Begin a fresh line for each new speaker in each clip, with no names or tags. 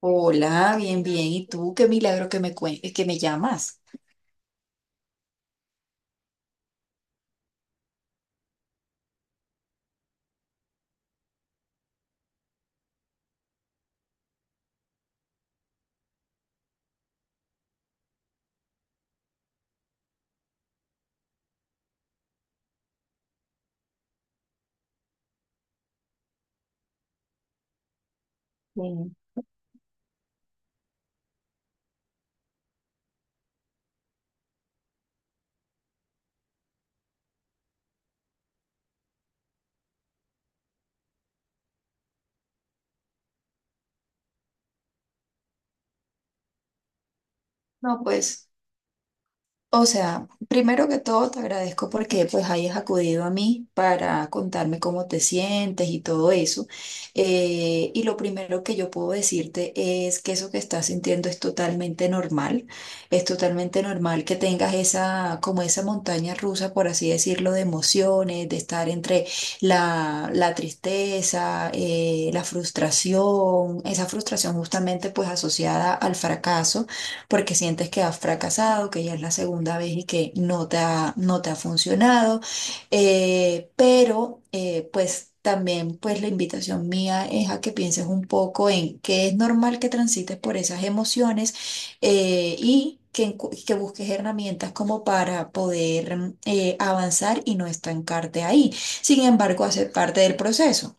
Hola, bien, bien. ¿Y tú? Qué milagro que que me llamas. Sí. No, pues. O sea, primero que todo te agradezco porque pues hayas acudido a mí para contarme cómo te sientes y todo eso. Y lo primero que yo puedo decirte es que eso que estás sintiendo es totalmente normal. Es totalmente normal que tengas esa, como esa montaña rusa, por así decirlo, de emociones, de estar entre la tristeza, la frustración, esa frustración justamente pues asociada al fracaso porque sientes que has fracasado, que ya es la segunda vez y que no te ha funcionado. Pues también pues la invitación mía es a que pienses un poco en que es normal que transites por esas emociones Que, que busques herramientas como para poder avanzar y no estancarte ahí. Sin embargo, hacer parte del proceso.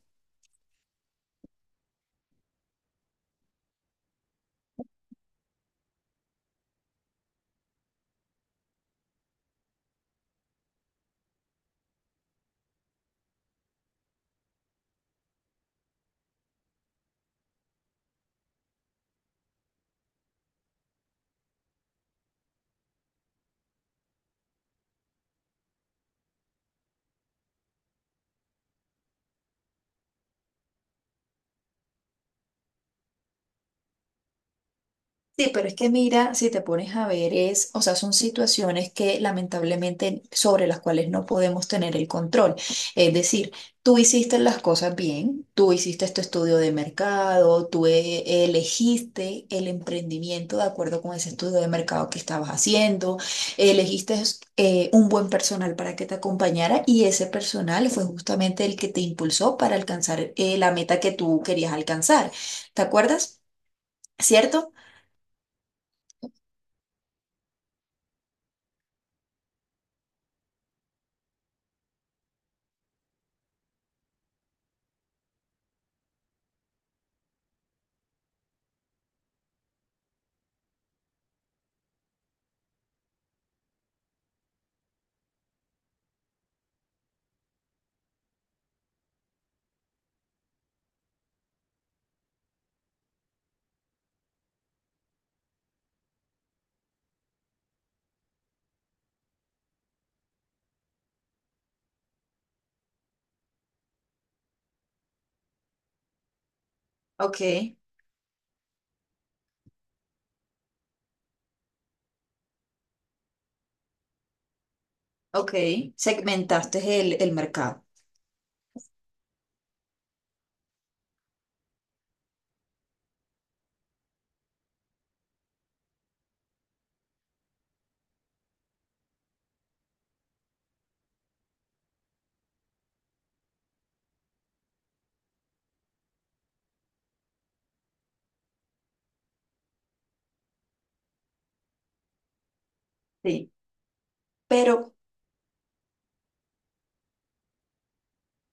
Sí, pero es que mira, si te pones a ver, o sea, son situaciones que lamentablemente sobre las cuales no podemos tener el control. Es decir, tú hiciste las cosas bien, tú hiciste tu estudio de mercado, tú elegiste el emprendimiento de acuerdo con ese estudio de mercado que estabas haciendo, elegiste un buen personal para que te acompañara y ese personal fue justamente el que te impulsó para alcanzar la meta que tú querías alcanzar. ¿Te acuerdas? ¿Cierto? Ok. Ok, segmentaste el mercado. Sí. Pero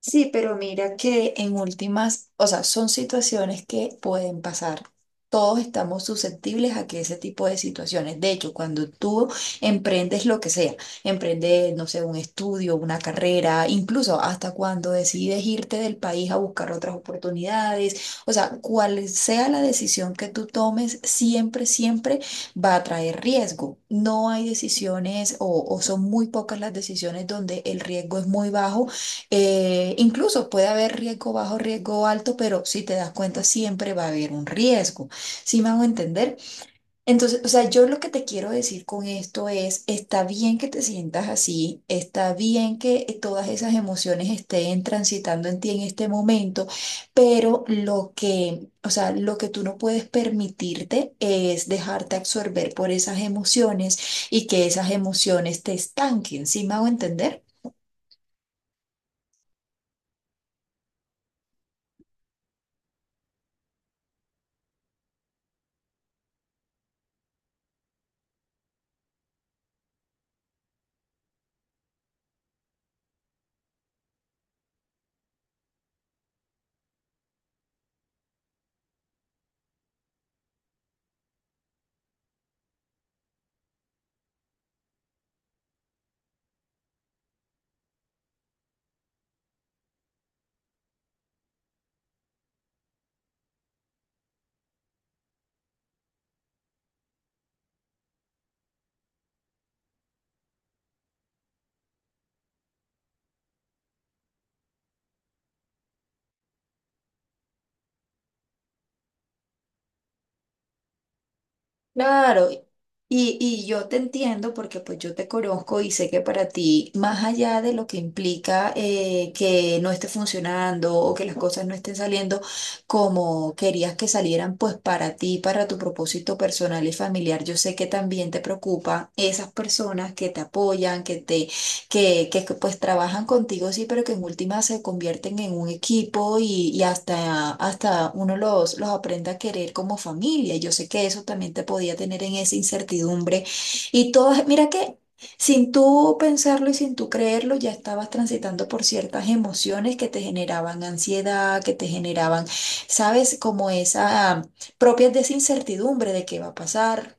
sí, pero mira que en últimas, o sea, son situaciones que pueden pasar. Todos estamos susceptibles a que ese tipo de situaciones. De hecho, cuando tú emprendes lo que sea, emprendes, no sé, un estudio, una carrera, incluso hasta cuando decides irte del país a buscar otras oportunidades, o sea, cual sea la decisión que tú tomes, siempre, siempre va a traer riesgo. No hay decisiones o son muy pocas las decisiones donde el riesgo es muy bajo incluso puede haber riesgo bajo, riesgo alto, pero si te das cuenta, siempre va a haber un riesgo. ¿Sí me hago entender? Entonces, o sea, yo lo que te quiero decir con esto es, está bien que te sientas así, está bien que todas esas emociones estén transitando en ti en este momento, pero o sea, lo que tú no puedes permitirte es dejarte absorber por esas emociones y que esas emociones te estanquen. ¿Sí me hago entender? Claro, y yo te entiendo porque pues yo te conozco y sé que para ti, más allá de lo que implica que no esté funcionando o que las cosas no estén saliendo como querías que salieran, pues para ti, para tu propósito personal y familiar, yo sé que también te preocupa esas personas que te apoyan, que pues trabajan contigo, sí, pero que en última se convierten en un equipo y hasta, hasta uno los aprende a querer como familia. Yo sé que eso también te podía tener en esa incertidumbre. Y todas, mira que sin tú pensarlo y sin tú creerlo, ya estabas transitando por ciertas emociones que te generaban ansiedad, que te generaban, ¿sabes? Como esa propias de esa incertidumbre de qué va a pasar.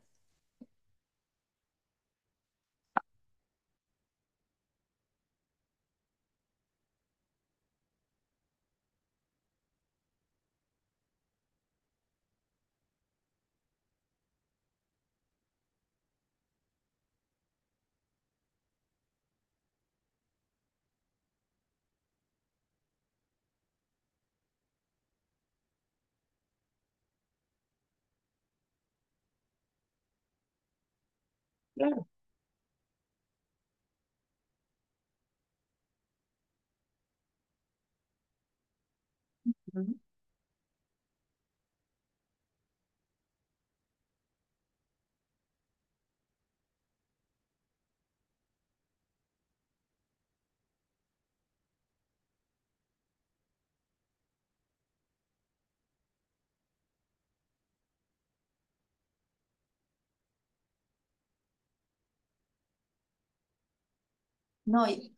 No, y-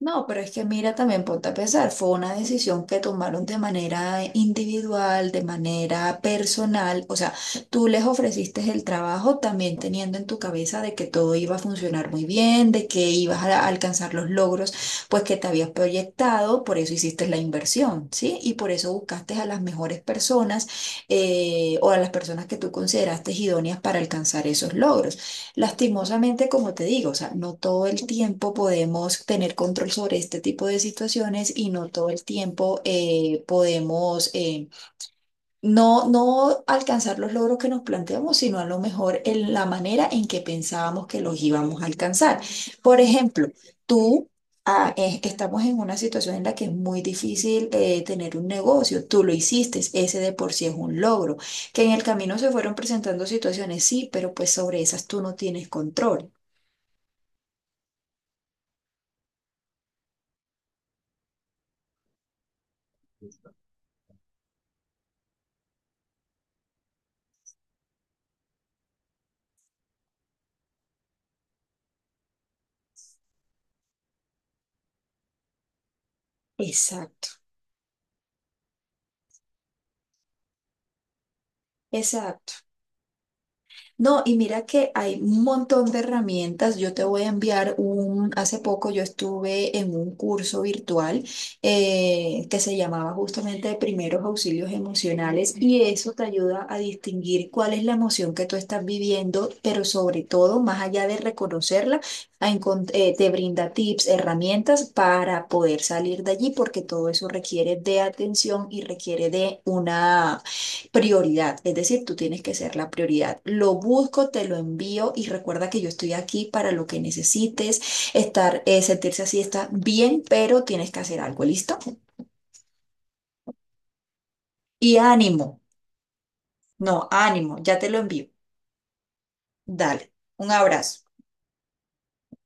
No, pero es que mira, también ponte a pensar, fue una decisión que tomaron de manera individual, de manera personal, o sea, tú les ofreciste el trabajo también teniendo en tu cabeza de que todo iba a funcionar muy bien, de que ibas a alcanzar los logros, pues que te habías proyectado, por eso hiciste la inversión, ¿sí? Y por eso buscaste a las mejores personas o a las personas que tú consideraste idóneas para alcanzar esos logros. Lastimosamente, como te digo, o sea, no todo el tiempo podemos tener control sobre este tipo de situaciones y no todo el tiempo podemos, no alcanzar los logros que nos planteamos, sino a lo mejor en la manera en que pensábamos que los íbamos a alcanzar. Por ejemplo, tú estamos en una situación en la que es muy difícil tener un negocio. Tú lo hiciste, ese de por sí es un logro. Que en el camino se fueron presentando situaciones, sí, pero pues sobre esas tú no tienes control. Exacto, exacto. No, y mira que hay un montón de herramientas. Yo te voy a enviar un, hace poco yo estuve en un curso virtual que se llamaba justamente de primeros auxilios emocionales y eso te ayuda a distinguir cuál es la emoción que tú estás viviendo, pero sobre todo, más allá de reconocerla, te brinda tips, herramientas para poder salir de allí, porque todo eso requiere de atención y requiere de una prioridad, es decir, tú tienes que ser la prioridad. Lo busco, te lo envío y recuerda que yo estoy aquí para lo que necesites, sentirse así está bien, pero tienes que hacer algo, ¿listo? Y ánimo, no, ánimo, ya te lo envío. Dale, un abrazo.